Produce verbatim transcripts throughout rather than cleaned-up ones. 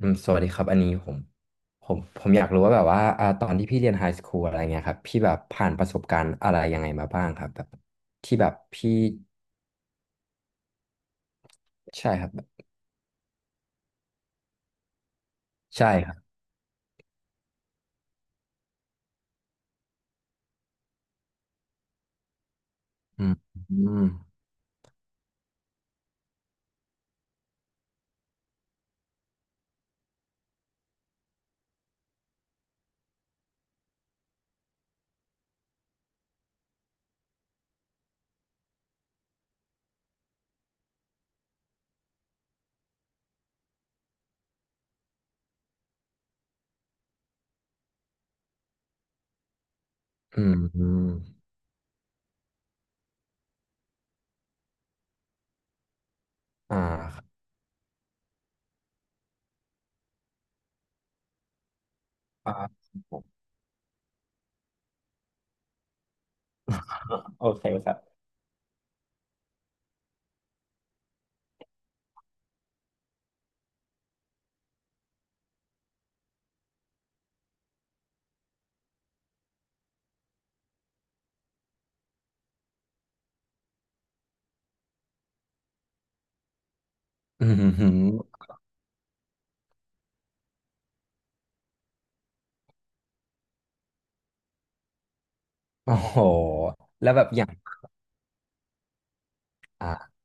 อืมสวัสดีครับอันนี้ผมผมผมอยากรู้ว่าแบบว่าอ่าตอนที่พี่เรียนไฮสคูลอะไรเงี้ยครับพี่แบบผ่านประสบการณ์อะไรยังไงมาบ้างครับแบบที่แบบพี่ใช่ครับใช่ครับอืมอืมอืมอืมอ่าครับอ่าโอเคครับอืมอหืมโอ้โหแล้วแบบอย่างอ่า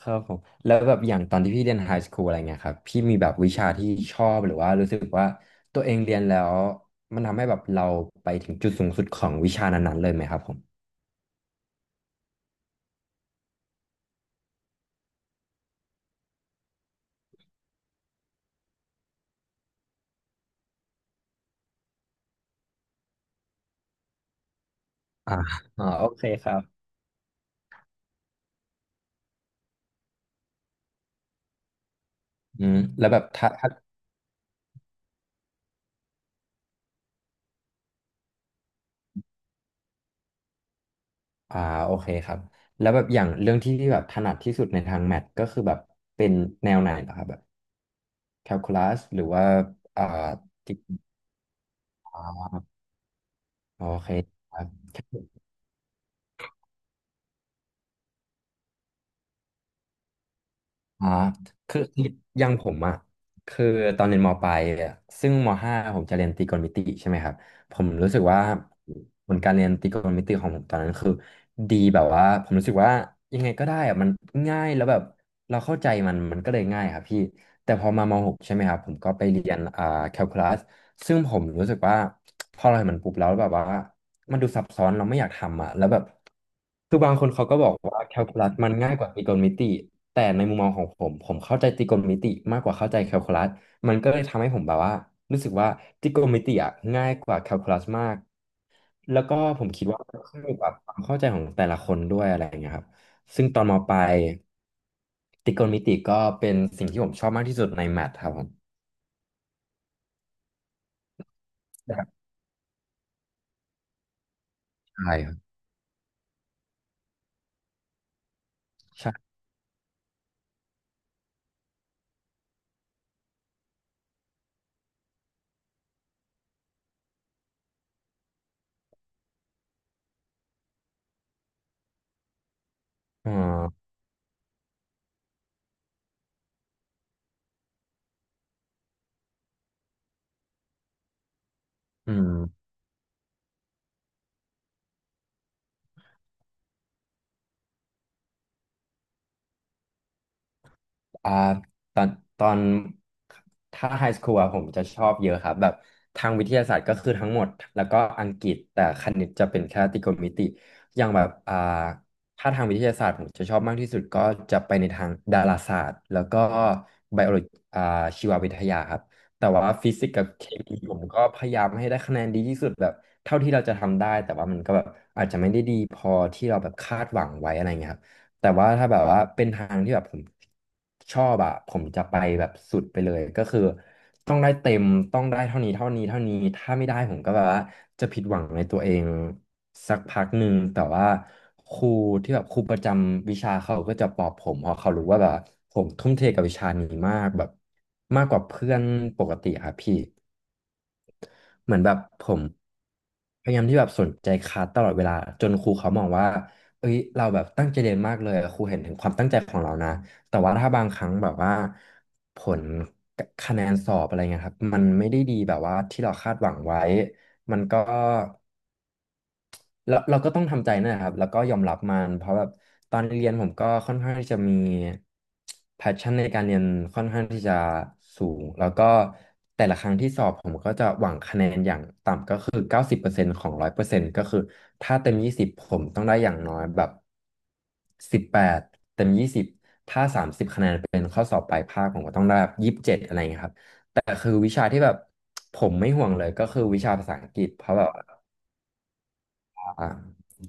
ครับผมแล้วแบบอย่างตอนที่พี่เรียนไฮสคูลอะไรเงี้ยครับพี่มีแบบวิชาที่ชอบหรือว่ารู้สึกว่าตัวเองเรียนแล้วมันทำให้แบบเราไปถึงจุดสูงสุดของวิชานั้นๆเลยไหมครับผมอ่าอ่าโอเคครับอืมแล้วแบบถ้าถ้าอ่าโอเคครับแล้วแบบอย่างเรื่องที่พี่แบบถนัดที่สุดในทางแมทก็คือแบบเป็นแนวไหนเหรอครับแบบแคลคูลัสหรือว่าอ่าติอ๋อโอเคครับ อ๋อคืออยังผมอ่ะคือตอนเรียนมปลายอะซึ่งม ห้าผมจะเรียนตรีโกณมิติใช่ไหมครับผมรู้สึกว่าผลการเรียนตรีโกณมิติของผมตอนนั้นคือดีแบบว่าผมรู้สึกว่ายังไงก็ได้อะมันง่ายแล้วแบบ เราเข้าใจมันมันก็เลยง่ายครับพี่แต่พอมาม .หก ใช่ไหมครับผมก็ไปเรียนอ่าแคลคูลัสซึ่งผมรู้สึกว่าพอเราเห็นมันปุ๊บแล้วแบบว่ามันดูซับซ้อนเราไม่อยากทำอ่ะแล้วแบบคือบางคนเขาก็บอกว่าแคลคูลัสมันง่ายกว่าตรีโกณมิติแต่ในมุมมองของผมผมเข้าใจตรีโกณมิติมากกว่าเข้าใจแคลคูลัสมันก็เลยทำให้ผมแบบว่ารู้สึกว่าตรีโกณมิติอ่ะง่ายกว่าแคลคูลัสมาก แล้วก็ผมคิดว่าขึ้นอยู่กับความเข้าใจของแต่ละคนด้วยอะไรอย่างเงี้ยครับซึ่งตอนมปลายตริโกณมิติก็เป็นสิ่งที่ผมชอบมากที่สุดในแมทครับผมครับใช่ครับใช่อ่าอืม อ่าตอนตอนถ้าไฮสคูลอะผมจะชอบเยอะครับแบบทางวิทยาศาสตร์ก็คือทั้งหมดแล้วก็อังกฤษแต่คณิตจะเป็นแค่ตรโกณมิติอย่างแบบอ่าถ้าทางวิทยาศาสตร์ผมจะชอบมากที่สุดก็จะไปในทางดาราศาสตร์แล้วก็ไบโอโลจอ่าชีววิทยาครับแต่ว่าฟิสิกส์กับเคมีผมก็พยายามให้ได้คะแนนดีที่สุดแบบเท่าที่เราจะทำได้แต่ว่ามันก็แบบอาจจะไม่ได้ดีพอที่เราแบบคาดหวังไว้อะไรเงี้ยครับ แต่ว่าถ้าแบบว่าเป็นทางที่แบบผมชอบอะผมจะไปแบบสุดไปเลยก็คือต้องได้เต็มต้องได้เท่านี้เท่านี้เท่านี้ถ้าไม่ได้ผมก็แบบว่าจะผิดหวังในตัวเองสักพักหนึ่งแต่ว่าครูที่แบบครูประจำวิชาเขาก็จะปลอบผมเพราะเขารู้ว่าแบบผมทุ่มเทกับวิชานี้มากแบบมากกว่าเพื่อนปกติครับพี่ เหมือนแบบผมพยายามที่แบบสนใจคลาสตลอดเวลาจนครูเขามองว่าเอ้ยเราแบบตั้งใจเรียนมากเลยครูเห็นถึงความตั้งใจของเรานะแต่ว่าถ้าบางครั้งแบบว่าผลคะแนนสอบอะไรเงี้ยครับมันไม่ได้ดีแบบว่าที่เราคาดหวังไว้มันก็ เราเราก็ต้องทำใจนนแหละครับแล้วก็ยอมรับมันเพราะแบบตอนเรียนผมก็ค่อนข้างที่จะมี passion ในการเรียนค่อนข้างที่จะสูงแล้วก็แต่ละครั้งที่สอบผมก็จะหวังคะแนนอย่างต่ำก็คือเก้าสิบเปอร์เซ็นต์ของหนึ่งร้อยเปอร์เซ็นต์ก็คือถ้าเต็มยี่สิบผมต้องได้อย่างน้อยแบบสิบแปดเต็มยี่สิบเป็นข้อสอบปลายภาคผมก็ต้องได้แบบยี่สิบเจ็ดอะไรอย่างเงี้ยครับแต่คือวิชาที่แบบผมไม่ห่วงเลยก็คือวิชาภาษาอังกฤษเพราะแบบ อ่า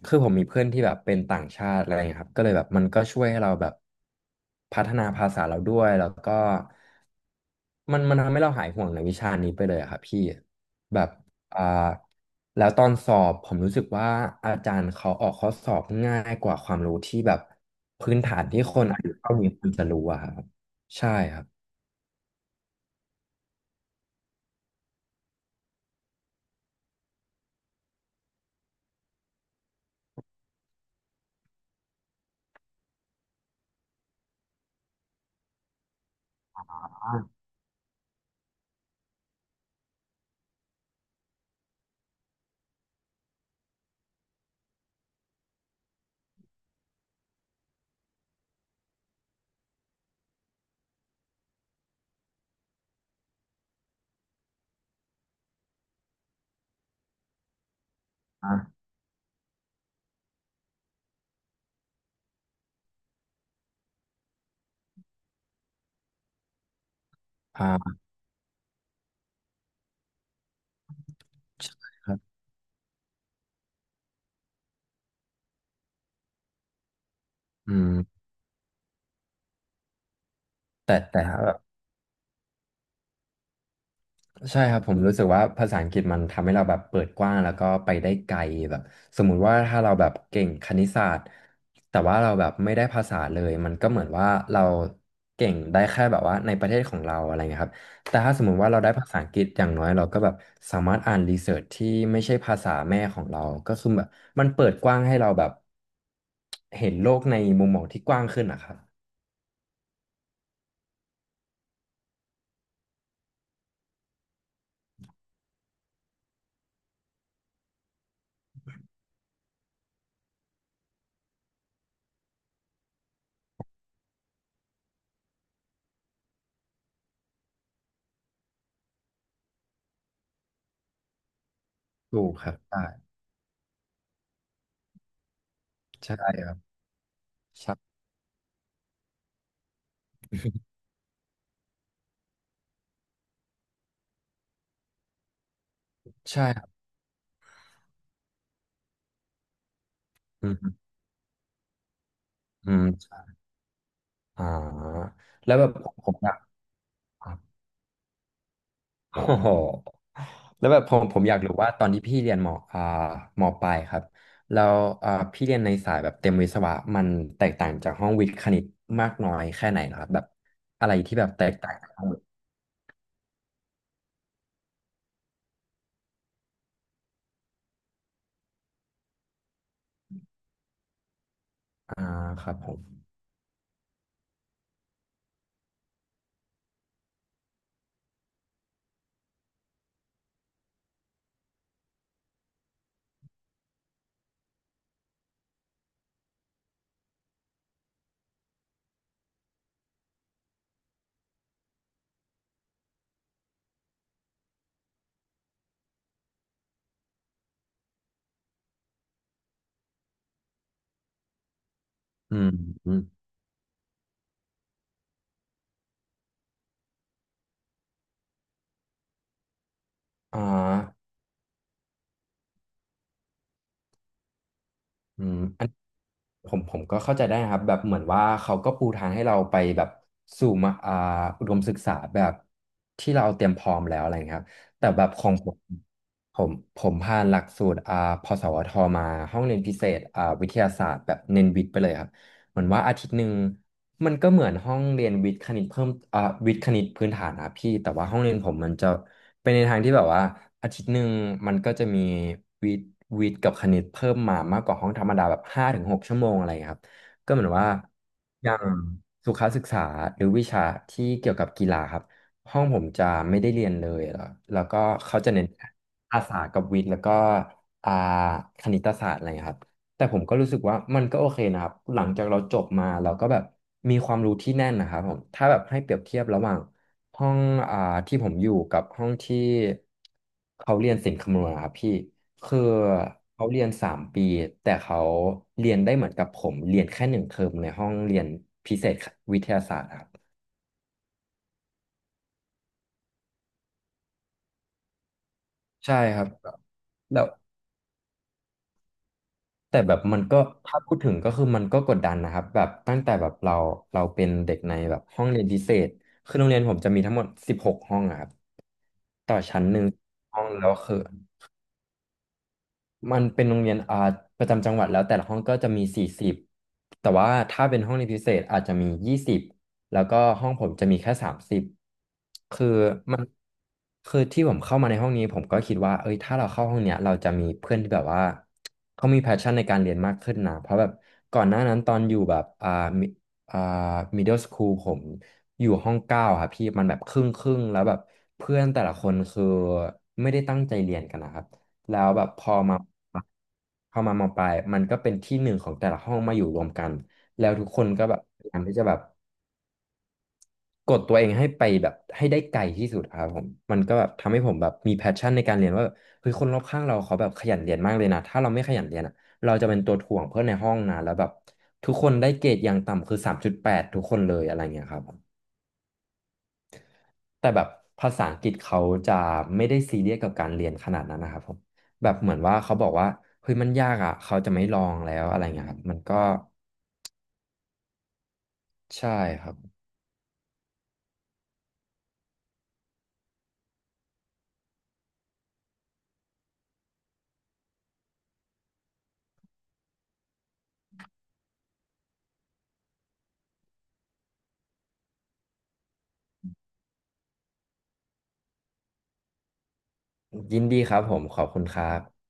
คือผมมีเพื่อนที่แบบเป็นต่างชาติอะไรอย่างเงี้ยครับก็เลยแบบมันก็ช่วยให้เราแบบพัฒนาภาษาเราด้วยแล้วก็มันมันทำให้เราหายห่วงในวิชานี้ไปเลยอะครับพี่แบบอ่าแล้วตอนสอบผมรู้สึกว่าอาจารย์เขาออกข้อสอบง่ายกว่าความรู้ที่แบบพื้นฐานที่คนอายุเท่านี้ควรจะรู้อะครับใช่ครับอ่าอ่าครับอืมแต่แต่ ใช่ครับผมรู้สึกว่าภาษาอังกฤษมันทำให้เราแบบเปิดกว้างแล้วก็ไปได้ไกลแบบสมมุติว่าถ้าเราแบบเก่งคณิตศาสตร์แต่ว่าเราแบบไม่ได้ภาษาเลยมันก็เหมือนว่าเราเก่งได้แค่แบบว่าในประเทศของเราอะไรเงี้ยครับแต่ถ้าสมมุติว่าเราได้ภาษาอังกฤษอย่างน้อยเราก็แบบสามารถอ่านรีเสิร์ชที่ไม่ใช่ภาษาแม่ของเราก็คือแบบมันเปิดกว้างให้เราแบบเห็นโลกในมุมมองที่กว้างขึ้นนะครับถูกครับใช่ใช่ครับใช่ใช่ครับอืมอืม อ่าแล้วแบบผมผมอยากครับโอ้โห แล้วแบบผมผมอยากรู้ว่าตอนที่พี่เรียนมอ่ามปลายครับแล้วอ่าพี่เรียนในสายแบบเต็มวิศวะมันแตกต่างจากห้องวิทย์คณิตมากน้อยแค่ไหนเหรอครับแบบอะไรที่แบบแตกต่างจากห้องวิทย์อ่าครับผมอืมอมอ่าอืม ผมผมก็เข้าใจได้นะครับแบบเหมือนว่าเขาก็ปูทางให้เราไปแบบสู่มาอ่าอุดมศึกษาแบบที่เราเตรียมพร้อมแล้วอะไรอย่างเงี้ยครับแต่แบบของผมผมผมผ่านหลักสูตรอ่าพสวทมาห้องเรียนพิเศษอ่าวิทยาศาสตร์แบบเน้นวิทย์ไปเลยครับเหมือนว่าอาทิตย์หนึ่งมันก็เหมือนห้องเรียนวิทย์คณิตเพิ่มอ่าวิทย์คณิตพื้นฐานนะครับพี่แต่ว่าห้องเรียนผมมันจะ ไปในทางที่แบบว่าอาทิตย์หนึ่งมันก็จะมีวิทย์วิทย์กับคณิตเพิ่มมามากกว่าห้องธรรมดาแบบห้าถึงหกชั่วโมงอะไรอย่างเงี้ยครับก็เหมือนว่าอย่างสุขศึกษาหรือวิชาที่เกี่ยวกับกีฬาครับห้องผมจะไม่ได้เรียนเลยแล้วแล้วก็เขาจะเน้นภาษากับวิทย์แล้วก็อ่าคณิตศาสตร์อะไรอย่างเงี้ยครับแต่ผมก็รู้สึกว่ามันก็โอเคนะครับหลังจากเราจบมาเราก็แบบมีความรู้ที่แน่นนะครับผมถ้าแบบให้เปรียบเทียบระหว่าง ห้องอ่าที่ผมอยู่กับห้องที่เขาเรียนศิลป์คำนวณอะครับพี่คือเขาเรียนสามปีแต่เขาเรียนได้เหมือนกับผมเรียนแค่หนึ่งเทอมในห้องเรียนพิเศษวิทยาศาสตร์ครับใช่ครับแล้วแต่แบบมันก็ถ้าพูดถึงก็คือมันก็กดดันนะครับแบบตั้งแต่แบบเราเราเป็นเด็กในแบบห้องเรียนพิเศษคือโรงเรียนผมจะมีทั้งหมดสิบหกห้องอะครับต่อชั้นห้องแล้วคือ มันเป็นโรงเรียนอาร์ตประจำจังหวัดแล้วแต่ละห้องก็จะมีสี่สิบแต่ว่าถ้าเป็นห้องเรียนพิเศษอาจจะมียี่สิบแล้วก็ห้องผมจะมีแค่สามสิบคือมันคือที่ผมเข้ามาในห้องนี้ผมก็คิดว่าเอ้ยถ้าเราเข้าห้องเนี้ยเราจะมีเพื่อนที่แบบว่าเขามีแพชชั่นในการเรียนมากขึ้นนะเพราะแบบก่อนหน้านั้นตอนอยู่แบบอ่ามิอ่า middle school ผมอยู่ห้องเก้าครับพี่มันแบบครึ่งครึ่งแล้วแบบเพื่อนแต่ละคนคือไม่ได้ตั้งใจเรียนกันนะครับ แล้วแบบพอมาพอมามองไปลายมันก็เป็นที่หนึ่งของแต่ละห้องมาอยู่รวมกันแล้วทุกคนก็แบบพยายามที่จะแบบกดตัวเองให้ไปแบบให้ได้ไกลที่สุดครับผมมันก็แบบทำให้ผมแบบมีแพชชั่นในการเรียนว่าแบบเฮ้ยคนรอบข้างเราเขาแบบขยันเรียนมากเลยนะถ้าเราไม่ขยันเรียนอ่ะเราจะเป็นตัวถ่วงเพื่อนในห้องนะแล้วแบบทุกคนได้เกรดอย่างต่ำคือสามจุดแปดทุกคนเลยอะไรเงี้ยครับ แต่แบบภาษาอังกฤษเขาจะไม่ได้ซีเรียสกับการเรียนขนาดนั้นนะครับผมแบบเหมือนว่าเขาบอกว่าเฮ้ยมันยากอ่ะเขาจะไม่ลองแล้วอะไรเงี้ยครับมันก็ใช่ครับยินดีครับผมขอบคุณครับ